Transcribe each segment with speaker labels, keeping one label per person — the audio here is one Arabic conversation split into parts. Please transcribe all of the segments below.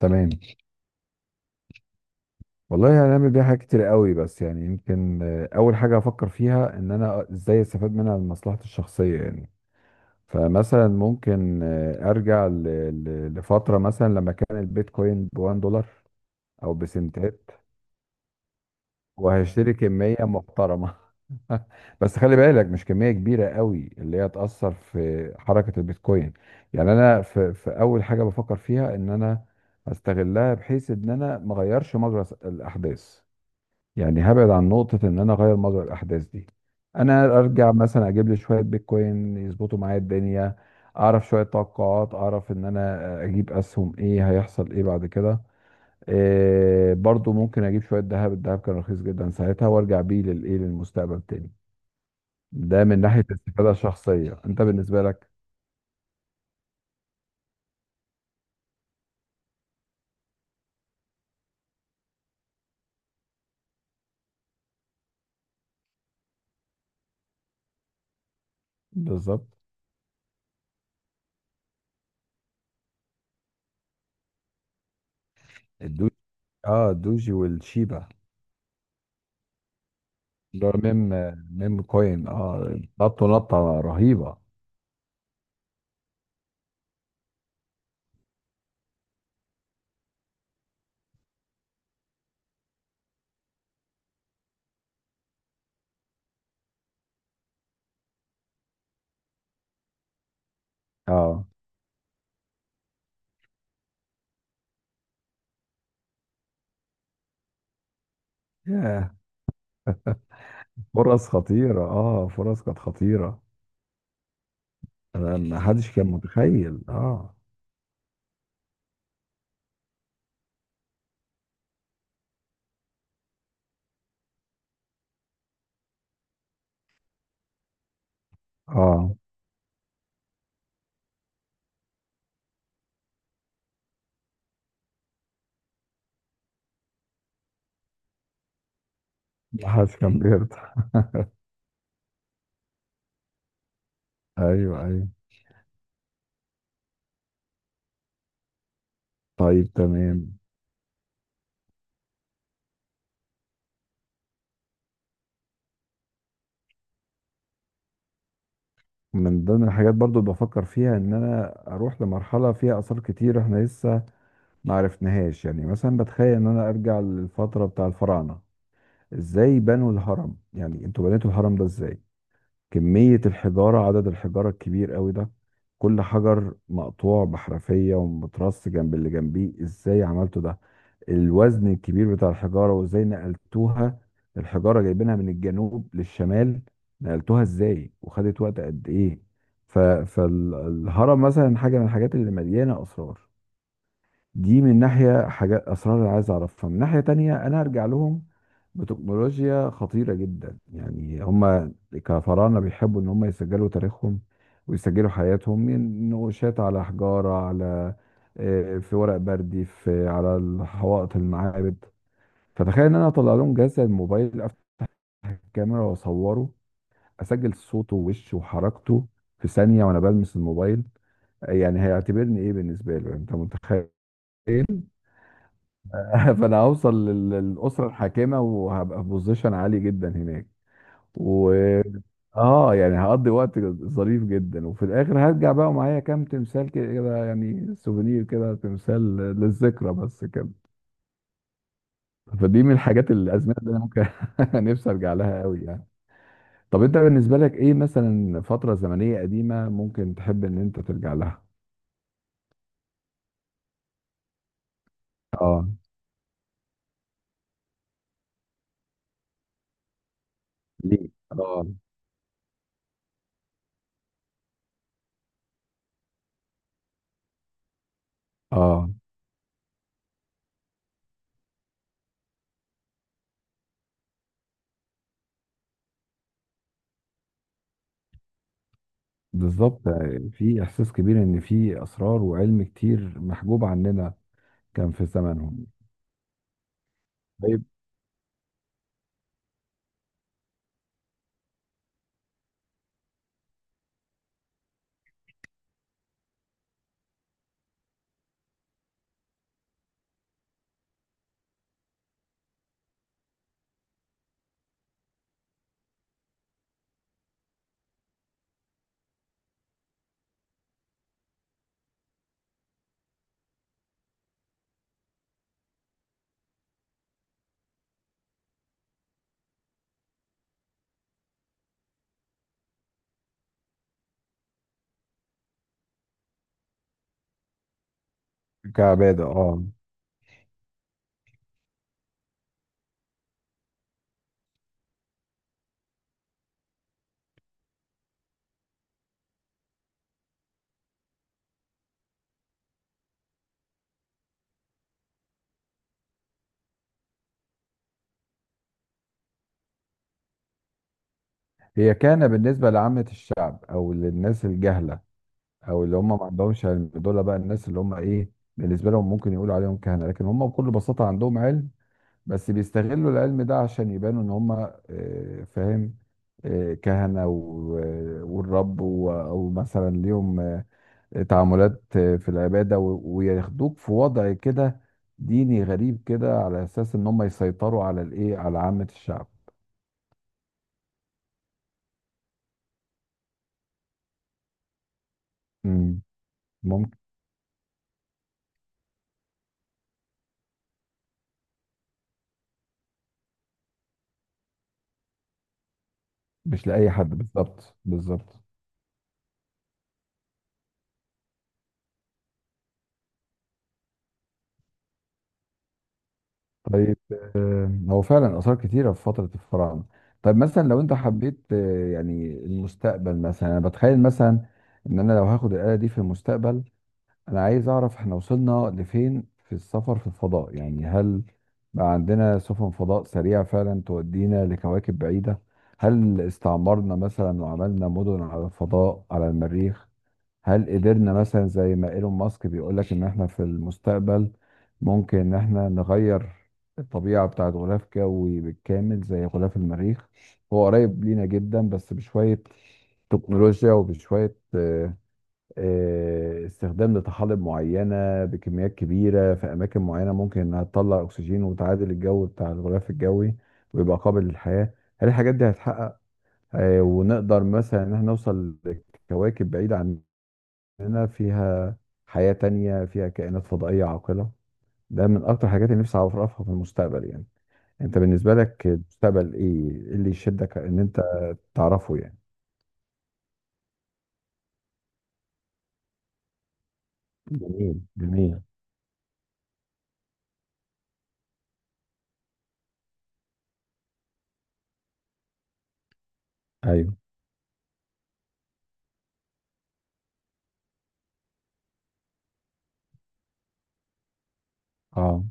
Speaker 1: تمام. والله هنعمل بيها حاجات كتير قوي، بس يعني يمكن اول حاجه افكر فيها ان انا ازاي استفاد منها لمصلحتي الشخصيه يعني. فمثلا ممكن ارجع لفتره مثلا لما كان البيتكوين ب 1 دولار او بسنتات، وهشتري كميه محترمه. بس خلي بالك مش كميه كبيره قوي اللي هي تاثر في حركه البيتكوين. يعني انا في اول حاجه بفكر فيها ان انا استغلها بحيث ان انا ما اغيرش مجرى الاحداث. يعني هبعد عن نقطة إن أنا أغير مجرى الأحداث دي. أنا أرجع مثلا أجيب لي شوية بيتكوين يظبطوا معايا الدنيا، أعرف شوية توقعات، أعرف إن أنا أجيب أسهم، إيه هيحصل إيه بعد كده. إيه برضو ممكن أجيب شوية ذهب، الذهب كان رخيص جدا ساعتها، وأرجع بيه للمستقبل تاني. ده من ناحية استفادة شخصية. أنت بالنسبة لك؟ بالظبط. الدوجي. اه، الدوجي والشيبا. ده ميم، ميم كوين. اه، نط نطة رهيبة. أه. ياه. فرص خطيرة، اه، فرص كانت خطيرة. انا ما حدش كان متخيل، اه. اه، ما حدش كان بيرضى. ايوه، ايوه. طيب، تمام. من ضمن الحاجات برضو اللي بفكر فيها ان انا اروح لمرحلة فيها اثار كتير احنا لسه ما عرفناهاش. يعني مثلا بتخيل ان انا ارجع للفترة بتاع الفراعنة. ازاي بنوا الهرم؟ يعني انتوا بنيتوا الهرم ده ازاي؟ كمية الحجارة، عدد الحجارة الكبير قوي ده، كل حجر مقطوع بحرفية ومترص جنب اللي جنبيه، ازاي عملتوا ده؟ الوزن الكبير بتاع الحجارة وازاي نقلتوها؟ الحجارة جايبينها من الجنوب للشمال، نقلتوها ازاي وخدت وقت قد ايه؟ فالهرم مثلا حاجة من الحاجات اللي مليانة أسرار. دي من ناحية حاجات أسرار اللي عايز أعرفها. من ناحية تانية أنا أرجع لهم بتكنولوجيا خطيرة جدا. يعني هما كفراعنة بيحبوا إن هما يسجلوا تاريخهم ويسجلوا حياتهم من نقوشات على حجارة، على في ورق بردي، في على الحوائط المعابد. فتخيل إن أنا أطلع لهم جهاز زي الموبايل، أفتح الكاميرا وأصوره، أسجل صوته ووشه وحركته في ثانية وأنا بلمس الموبايل. يعني هيعتبرني إيه بالنسبة له؟ يعني أنت متخيل؟ فانا هوصل للاسره الحاكمه وهبقى في بوزيشن عالي جدا هناك. و اه يعني هقضي وقت ظريف جدا، وفي الاخر هرجع بقى ومعايا كام تمثال كده، يعني سوفينير كده، تمثال للذكرى بس كده. فدي من الحاجات الازمنه اللي انا ممكن نفسي ارجع لها قوي يعني. طب انت بالنسبه لك ايه مثلا فتره زمنيه قديمه ممكن تحب ان انت ترجع لها؟ اه. ليه؟ اه. اه. بالظبط. في احساس كبير ان في اسرار وعلم كتير محجوب عننا كان في زمانهم. طيب. كعباده، اه. هي كان بالنسبه لعامه الشعب او للناس الجهله او اللي هم ما عندهمش علم، دول بقى الناس اللي هم ايه بالنسبه لهم ممكن يقولوا عليهم كهنه، لكن هم بكل بساطه عندهم علم، بس بيستغلوا العلم ده عشان يبانوا ان هم فاهم؟ كهنه والرب او مثلا ليهم تعاملات في العبادة وياخدوك في وضع كده ديني غريب كده، على أساس إن هم يسيطروا على على عامة الشعب. مم. ممكن. مش لأي حد، بالظبط، بالظبط. طيب. هو فعلا آثار كتيرة في فترة الفراعنة. طيب مثلا لو أنت حبيت يعني المستقبل مثلا، أنا بتخيل مثلا إن أنا لو هاخد الآلة دي في المستقبل، انا عايز اعرف احنا وصلنا لفين في السفر في الفضاء. يعني هل بقى عندنا سفن فضاء سريعة فعلا تودينا لكواكب بعيدة؟ هل استعمرنا مثلا وعملنا مدن على الفضاء، على المريخ؟ هل قدرنا مثلا زي ما ايلون ماسك بيقولك ان احنا في المستقبل ممكن ان احنا نغير الطبيعة بتاعت غلاف جوي بالكامل زي غلاف المريخ؟ هو قريب لينا جدا، بس بشوية تكنولوجيا وبشوية استخدام لطحالب معينة بكميات كبيرة في أماكن معينة ممكن إنها تطلع أكسجين وتعادل الجو بتاع الغلاف الجوي ويبقى قابل للحياة. هل الحاجات دي هتحقق؟ ونقدر مثلا إن احنا نوصل لكواكب بعيدة عننا فيها حياة تانية، فيها كائنات فضائية عاقلة. ده من أكتر الحاجات اللي نفسي أعرفها في المستقبل يعني. أنت بالنسبة لك المستقبل إيه؟ إيه اللي يشدك إن أنت تعرفه يعني؟ جميل، جميل. أيوه. أه.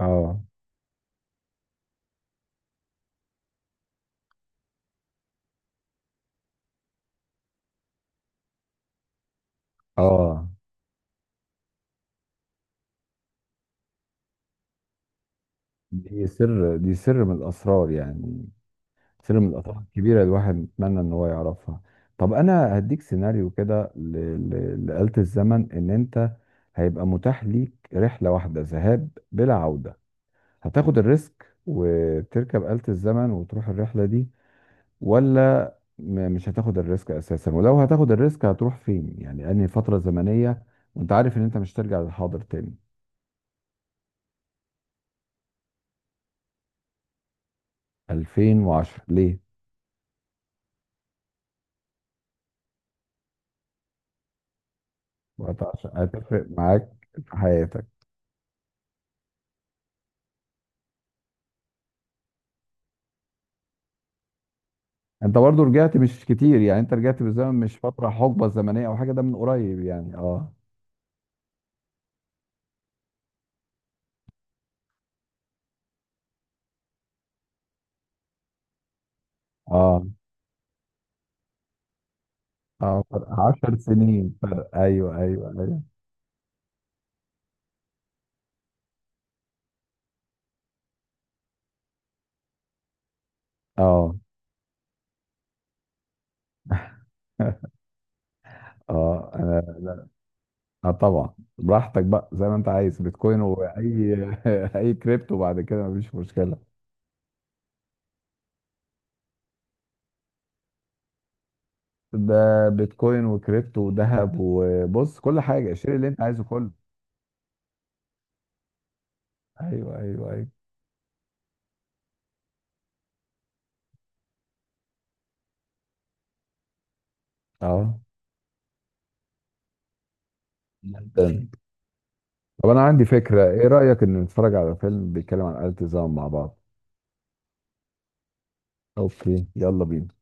Speaker 1: أه. أه. دي سر، دي سر من الأسرار يعني. سر من الأسرار الكبيرة الواحد يتمنى إن هو يعرفها. طب أنا هديك سيناريو كده لآلة الزمن. إن أنت هيبقى متاح ليك رحلة واحدة ذهاب بلا عودة، هتاخد الريسك وتركب آلة الزمن وتروح الرحلة دي، ولا مش هتاخد الريسك أساسا؟ ولو هتاخد الريسك هتروح فين يعني أنهي فترة زمنية، وأنت عارف إن أنت مش هترجع للحاضر تاني؟ 2010 ليه؟ هتفرق معاك في حياتك؟ انت برضو رجعت مش كتير يعني، انت رجعت بالزمن مش فترة حقبة زمنية او حاجة، ده من قريب يعني. اه. اه. اه، فرق 10 سنين، فرق، ايوه ايوه ايوه. اه. اه، انا لا. اه، طبعا، براحتك بقى زي ما انت عايز، بيتكوين واي اي كريبتو بعد كده مفيش مشكلة. ده بيتكوين وكريبتو وذهب، وبص كل حاجة اشتري اللي انت عايزه كله. ايوه ايوه ايوه. اه، جدا. طب انا عندي فكرة، ايه رأيك ان نتفرج على فيلم بيتكلم عن آلة الزمن مع بعض؟ اوكي، يلا بينا.